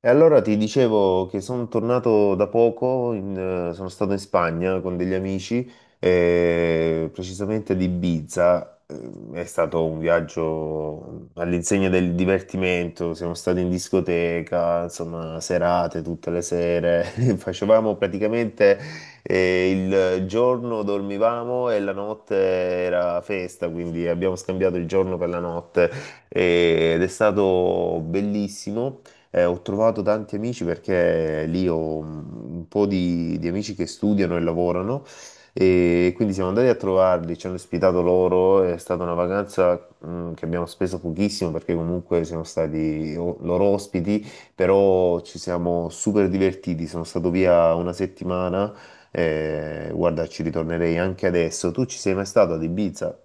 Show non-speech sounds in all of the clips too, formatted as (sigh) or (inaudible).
E allora ti dicevo che sono tornato da poco, sono stato in Spagna con degli amici, precisamente ad Ibiza. È stato un viaggio all'insegna del divertimento, siamo stati in discoteca, insomma, serate tutte le sere, (laughs) facevamo praticamente eh, il giorno dormivamo e la notte era festa, quindi abbiamo scambiato il giorno per la notte ed è stato bellissimo. Ho trovato tanti amici perché lì ho un po' di amici che studiano e lavorano e quindi siamo andati a trovarli, ci hanno ospitato loro, è stata una vacanza che abbiamo speso pochissimo perché comunque siamo stati loro ospiti, però ci siamo super divertiti, sono stato via una settimana, guarda ci ritornerei anche adesso. Tu ci sei mai stato ad Ibiza?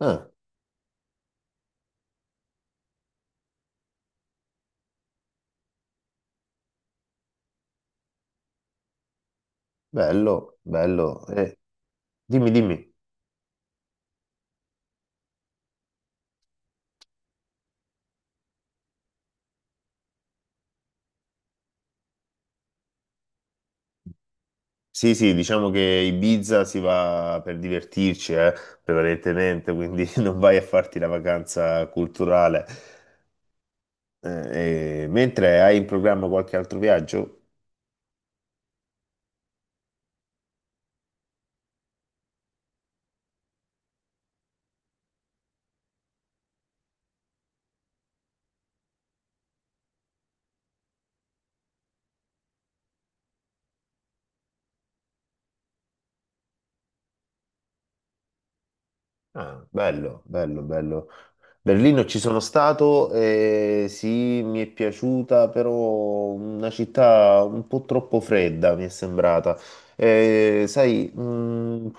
Ah, bello, bello. Dimmi, dimmi. Sì, sì, diciamo che Ibiza si va per divertirci, prevalentemente, quindi (laughs) non vai a farti la vacanza culturale. Mentre hai in programma qualche altro viaggio? Ah, bello, bello, bello. Berlino ci sono stato, sì, mi è piaciuta, però una città un po' troppo fredda mi è sembrata. Sai,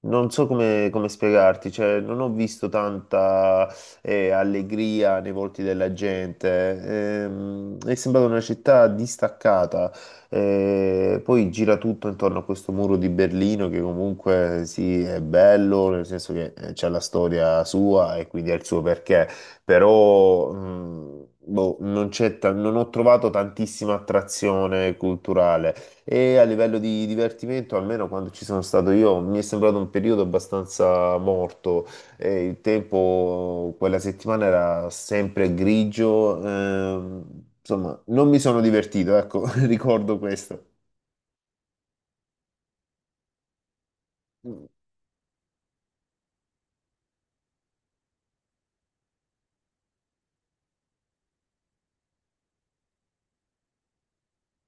non so come, spiegarti, cioè, non ho visto tanta allegria nei volti della gente. È sembrata una città distaccata poi gira tutto intorno a questo muro di Berlino che comunque sì, è bello, nel senso che c'è la storia sua e quindi ha il suo perché, però boh, non c'è non ho trovato tantissima attrazione culturale e a livello di divertimento, almeno quando ci sono stato io, mi è sembrato un periodo abbastanza morto. E il tempo quella settimana era sempre grigio, insomma, non mi sono divertito, ecco, (laughs) ricordo questo.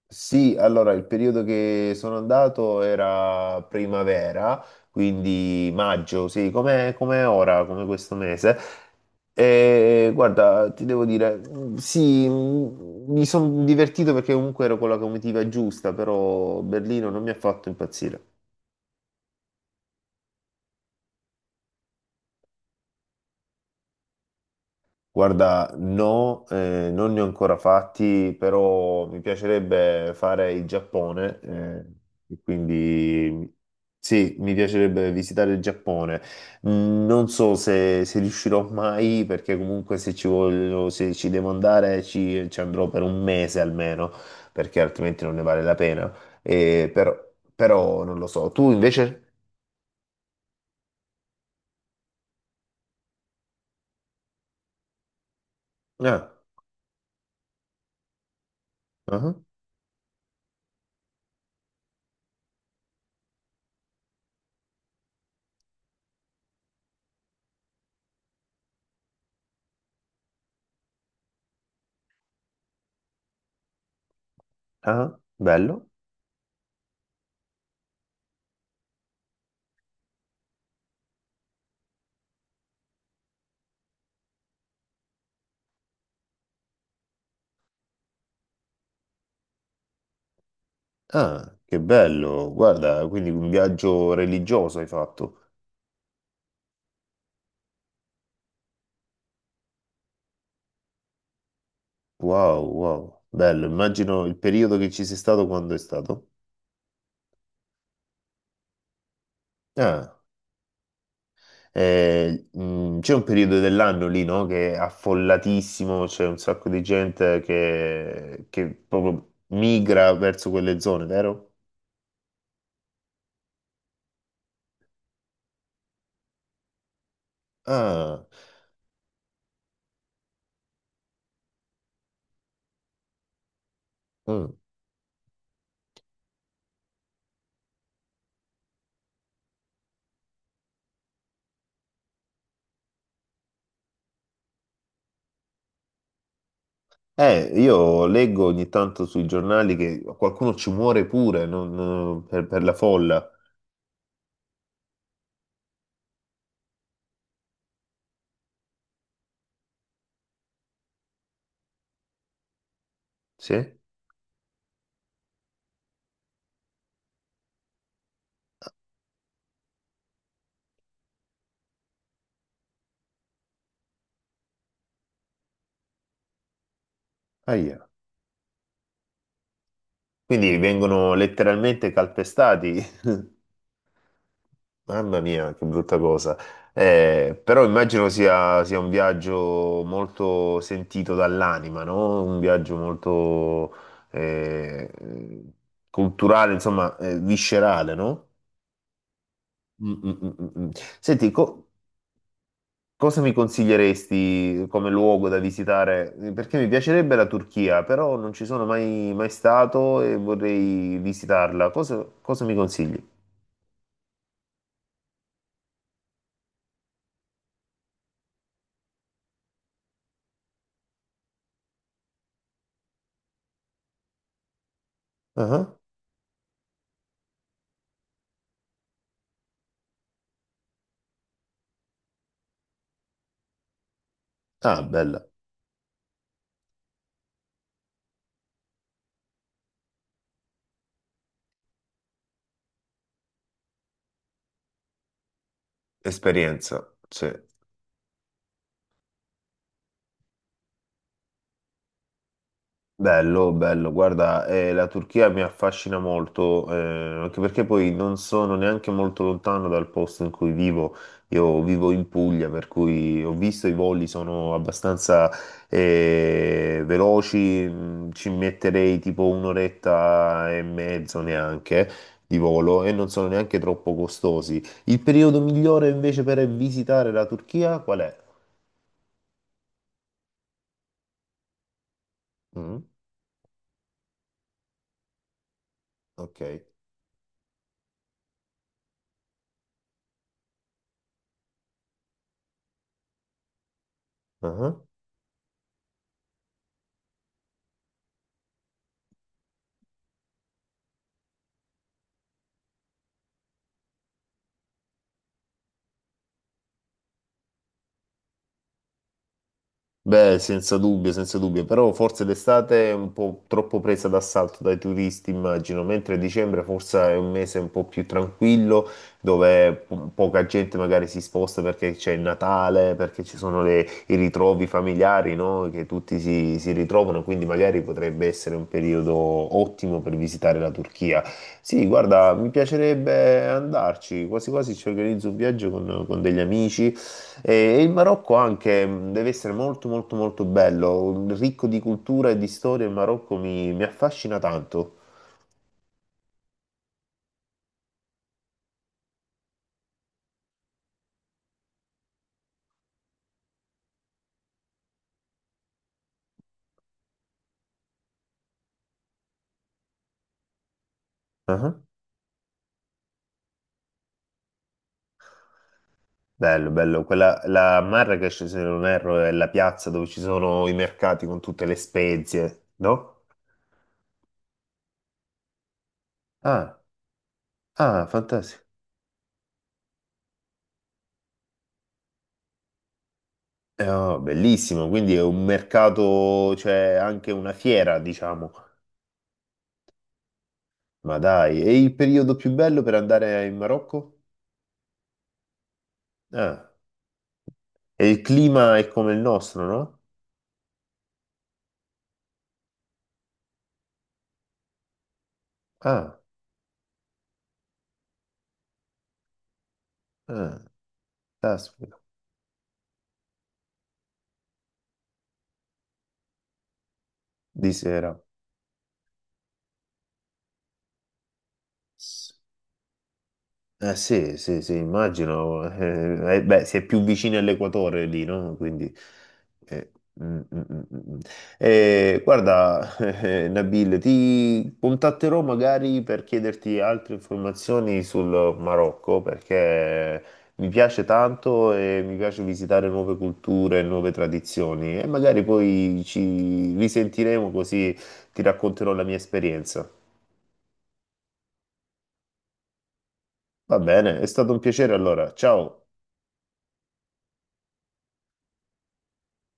Sì, allora il periodo che sono andato era primavera, quindi maggio, sì, come ora, come questo mese. E guarda, ti devo dire, sì, mi sono divertito perché comunque ero con la comitiva giusta, però Berlino non mi ha fatto impazzire. Guarda, no, non ne ho ancora fatti, però mi piacerebbe fare il Giappone, e quindi sì, mi piacerebbe visitare il Giappone. Non so se riuscirò mai, perché comunque se ci voglio, se ci devo andare ci andrò per un mese almeno, perché altrimenti non ne vale la pena. Eh, però, però, non lo so. Tu invece? Ah, ah, ah, ah, bello. Ah, che bello, guarda, quindi un viaggio religioso hai fatto. Wow, wow, bello, immagino il periodo che ci sei stato quando è stato. Ah, c'è un periodo dell'anno lì, no? Che è affollatissimo, c'è un sacco di gente che proprio migra verso quelle zone, vero? Ah, mm. Io leggo ogni tanto sui giornali che qualcuno ci muore pure per la folla. Sì? Ahia. Quindi vengono letteralmente calpestati. (laughs) Mamma mia, che brutta cosa. Però immagino sia un viaggio molto sentito dall'anima, no? Un viaggio molto eh, culturale, insomma, viscerale, no? Mm, mm, mm, mm, mm. Senti, cosa mi consiglieresti come luogo da visitare? Perché mi piacerebbe la Turchia, però non ci sono mai, mai stato e vorrei visitarla. Cosa mi consigli? Ah. Ah, bella. Esperienza, sì. Bello, bello. Guarda, la Turchia mi affascina molto, anche perché poi non sono neanche molto lontano dal posto in cui vivo. Io vivo in Puglia, per cui ho visto i voli sono abbastanza veloci, ci metterei tipo un'oretta e mezzo neanche di volo e non sono neanche troppo costosi. Il periodo migliore invece per visitare la Turchia qual è? Mm, ok. Ah. Beh, senza dubbio, senza dubbio, però forse d'estate è un po' troppo presa d'assalto dai turisti, immagino, mentre dicembre forse è un mese un po' più tranquillo, dove poca gente magari si sposta perché c'è il Natale, perché ci sono i ritrovi familiari, no? Che tutti si ritrovano, quindi magari potrebbe essere un periodo ottimo per visitare la Turchia. Sì, guarda, mi piacerebbe andarci, quasi quasi ci organizzo un viaggio con degli amici. E il Marocco anche deve essere molto molto molto bello, ricco di cultura e di storia, il Marocco mi affascina tanto. Ah, bello, bello. Quella, la Marrakesh, se non erro, è la piazza dove ci sono i mercati con tutte le spezie, no? Ah, ah, fantastico. Oh, bellissimo, quindi è un mercato, cioè anche una fiera, diciamo. Ma dai, e il periodo più bello per andare in Marocco? Ah, e il clima è come il nostro, no? Ah, ah. Caspita, di sera. S- Eh sì, sì, sì, immagino. Beh, si è più vicini all'equatore lì, no? Quindi, eh, mm, mm, mm, mm. Mm. Guarda, (laughs) Nabil, ti contatterò magari per chiederti altre informazioni sul Marocco, perché mi piace tanto e mi piace visitare nuove culture, nuove tradizioni e magari poi ci risentiremo così ti racconterò la mia esperienza. Va bene, è stato un piacere allora. Ciao.